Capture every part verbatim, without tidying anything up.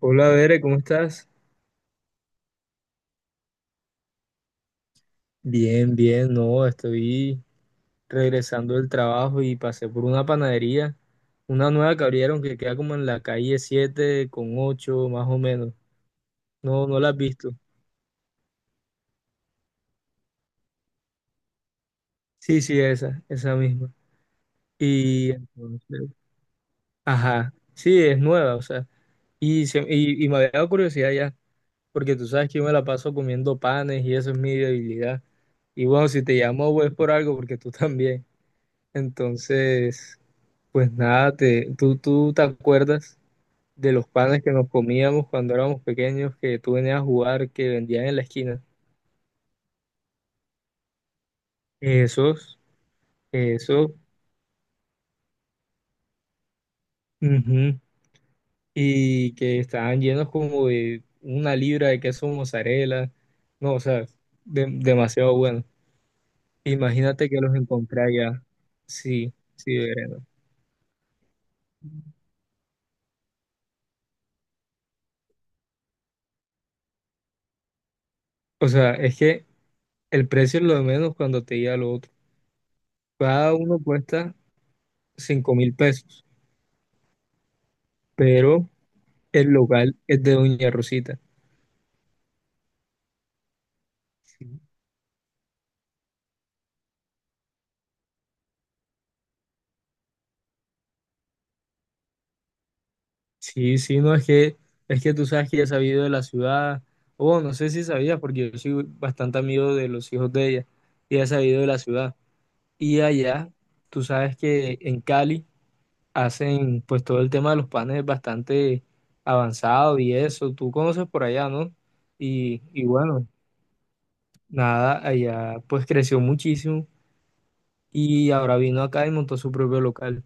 Hola, Bere, ¿cómo estás? Bien, bien, no, estoy regresando del trabajo y pasé por una panadería, una nueva que abrieron que queda como en la calle siete con ocho más o menos. No, no la has visto. Sí, sí, esa, esa misma. Y entonces, ajá, sí, es nueva, o sea, y, se- y, y me había dado curiosidad ya, porque tú sabes que yo me la paso comiendo panes y eso es mi debilidad. Y bueno, si te llamo, pues por algo, porque tú también. Entonces... Pues nada, te, ¿tú, tú te acuerdas de los panes que nos comíamos cuando éramos pequeños, que tú venías a jugar, que vendían en la esquina? Esos, esos, ujú. Y que estaban llenos como de una libra de queso mozzarella. No, o sea, de- demasiado bueno. Imagínate que los encontré allá. Sí, sí, Verena. O sea, es que el precio es lo de menos cuando te llega lo otro. Cada uno cuesta cinco mil pesos, pero... El local es de Doña Rosita. Sí, sí, no es que, es que tú sabes que ya he sabido de la ciudad, o bueno, no sé si sabías, porque yo soy bastante amigo de los hijos de ella, y ya he sabido de la ciudad. Y allá, tú sabes que en Cali hacen pues todo el tema de los panes bastante avanzado y eso, tú conoces por allá, ¿no? Y, y bueno, nada, allá pues creció muchísimo y ahora vino acá y montó su propio local.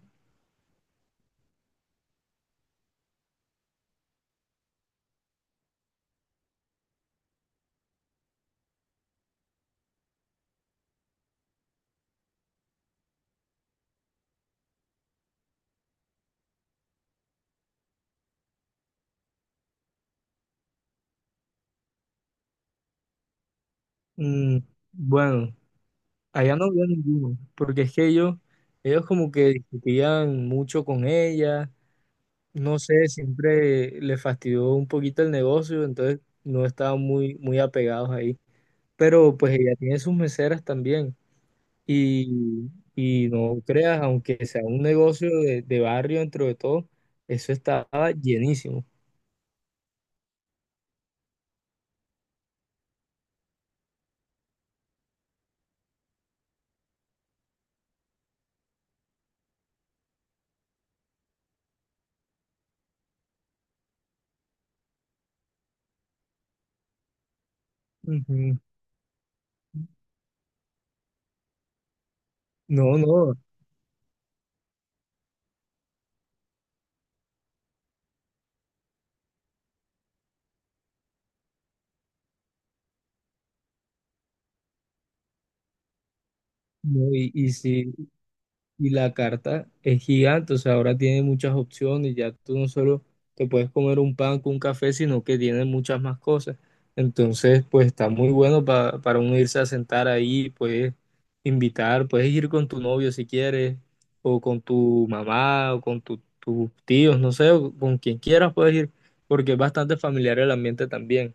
Mm, bueno. Allá no había ninguno, porque es que ellos, ellos como que discutían mucho con ella, no sé, siempre le fastidió un poquito el negocio, entonces no estaban muy, muy apegados ahí. Pero pues ella tiene sus meseras también y, y no creas, aunque sea un negocio de, de barrio dentro de todo, eso estaba llenísimo. Ujú. No, no, no, y, y sí. Y la carta es gigante, o sea, ahora tiene muchas opciones, ya tú no solo te puedes comer un pan con un café, sino que tiene muchas más cosas. Entonces, pues está muy bueno pa- para uno irse a sentar ahí, puedes invitar, puedes ir con tu novio si quieres, o con tu mamá, o con tu- tus tíos, no sé, o con quien quieras puedes ir, porque es bastante familiar el ambiente también.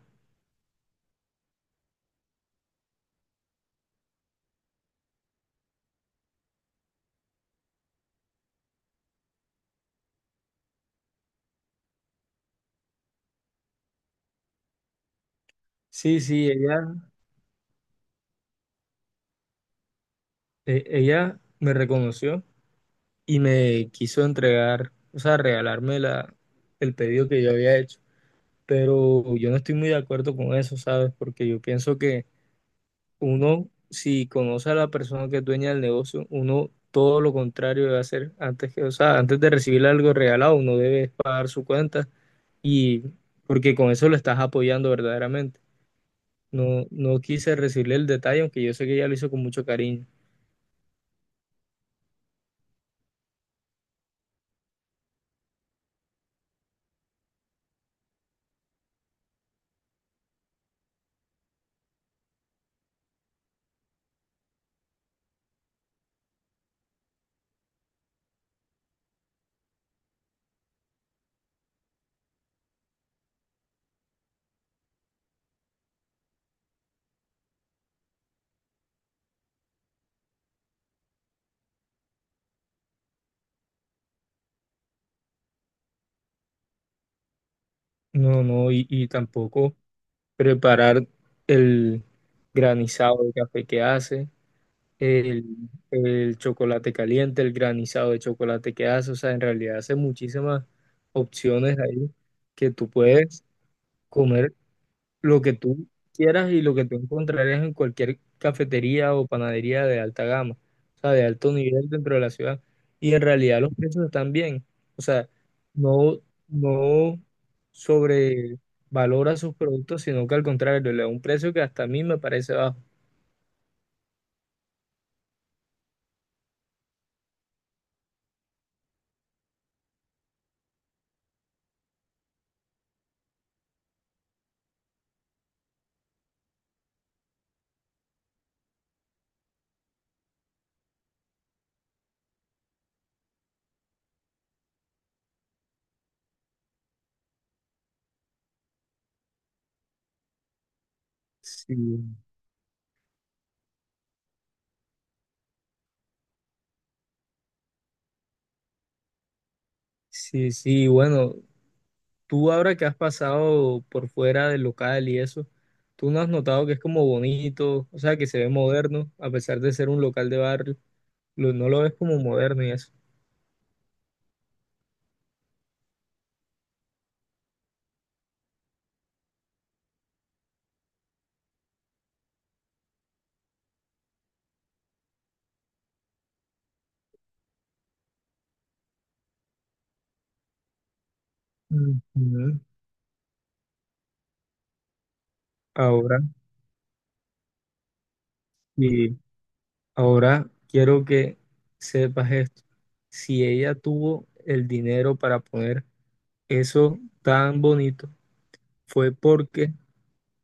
Sí, sí, ella, e- ella me reconoció y me quiso entregar, o sea, regalarme la, el pedido que yo había hecho. Pero yo no estoy muy de acuerdo con eso, ¿sabes? Porque yo pienso que uno, si conoce a la persona que es dueña del negocio, uno todo lo contrario debe hacer antes que, o sea, antes de recibir algo regalado, uno debe pagar su cuenta y porque con eso lo estás apoyando verdaderamente. No, no quise recibirle el detalle, aunque yo sé que ella lo hizo con mucho cariño. No, no, y, y tampoco preparar el granizado de café que hace, el, el chocolate caliente, el granizado de chocolate que hace. O sea, en realidad hace muchísimas opciones ahí que tú puedes comer lo que tú quieras y lo que tú encontrarías en cualquier cafetería o panadería de alta gama, o sea, de alto nivel dentro de la ciudad. Y en realidad los precios están bien. O sea, no, no sobre valora sus productos, sino que al contrario, le da un precio que hasta a mí me parece bajo. Sí, sí, sí, bueno, tú ahora que has pasado por fuera del local y eso, tú no has notado que es como bonito, o sea, que se ve moderno, a pesar de ser un local de barrio, lo- no lo ves como moderno y eso. Ujú. Ahora, y ahora quiero que sepas esto. Si ella tuvo el dinero para poner eso tan bonito, fue porque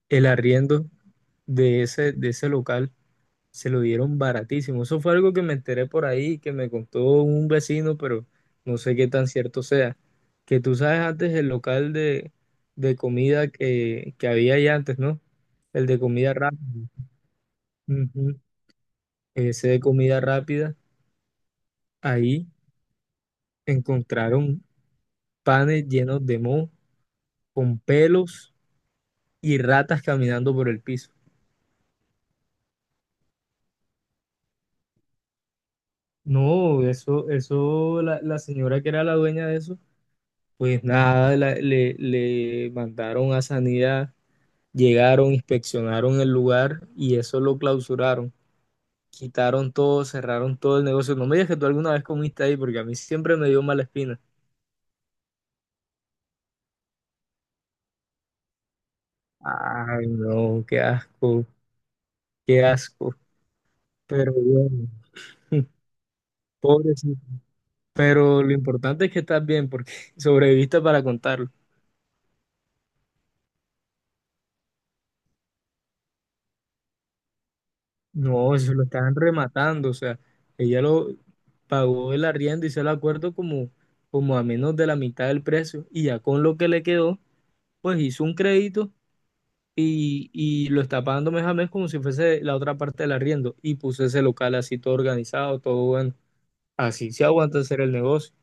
el arriendo de ese, de ese local se lo dieron baratísimo. Eso fue algo que me enteré por ahí, que me contó un vecino, pero no sé qué tan cierto sea. Que tú sabes antes el local de, de comida que, que había ahí antes, ¿no? El de comida rápida. Ujú. Ese de comida rápida, ahí encontraron panes llenos de moho, con pelos y ratas caminando por el piso. No, eso, eso, la, la señora que era la dueña de eso, pues nada, la- le, le mandaron a Sanidad, llegaron, inspeccionaron el lugar y eso lo clausuraron. Quitaron todo, cerraron todo el negocio. No me digas que tú alguna vez comiste ahí porque a mí siempre me dio mala espina. Ay, no, qué asco, qué asco. Pero bueno, pobrecito. Pero lo importante es que estás bien porque sobreviviste para contarlo. No, eso lo estaban rematando, o sea, ella lo, pagó el arriendo, hizo el acuerdo como, como a menos de la mitad del precio y ya con lo que le quedó, pues hizo un crédito y, y lo está pagando mes a mes como si fuese la otra parte del arriendo y puso ese local así todo organizado, todo bueno. Así se aguanta hacer el negocio.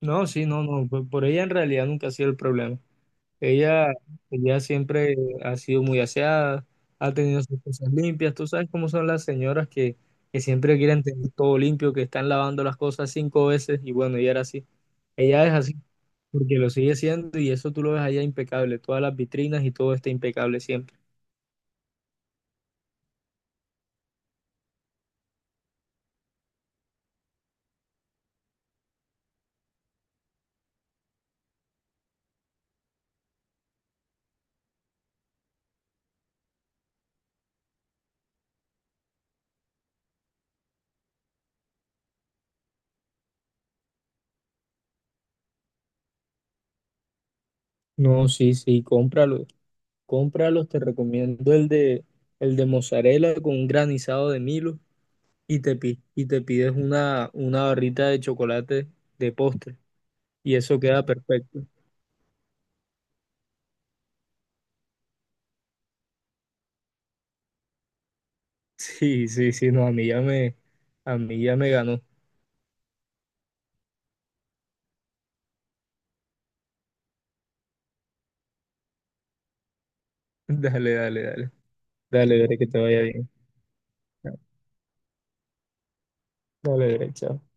No, sí, no, no, por por ella en realidad nunca ha sido el problema. Ella, ella siempre ha sido muy aseada, ha tenido sus cosas limpias. Tú sabes cómo son las señoras que, que siempre quieren tener todo limpio, que están lavando las cosas cinco veces y bueno, ella era así. Ella es así porque lo sigue siendo y eso tú lo ves allá impecable. Todas las vitrinas y todo está impecable siempre. No, sí, sí, cómpralo. Cómpralos, te recomiendo el de, el de, mozzarella con un granizado de Milo y te, pi- y te pides una, una barrita de chocolate de postre y eso queda perfecto. Sí, sí, sí, no, a mí ya me, a mí ya me ganó. Dale, dale, dale. Dale, dale, que te vaya bien. Dale, dale, chao.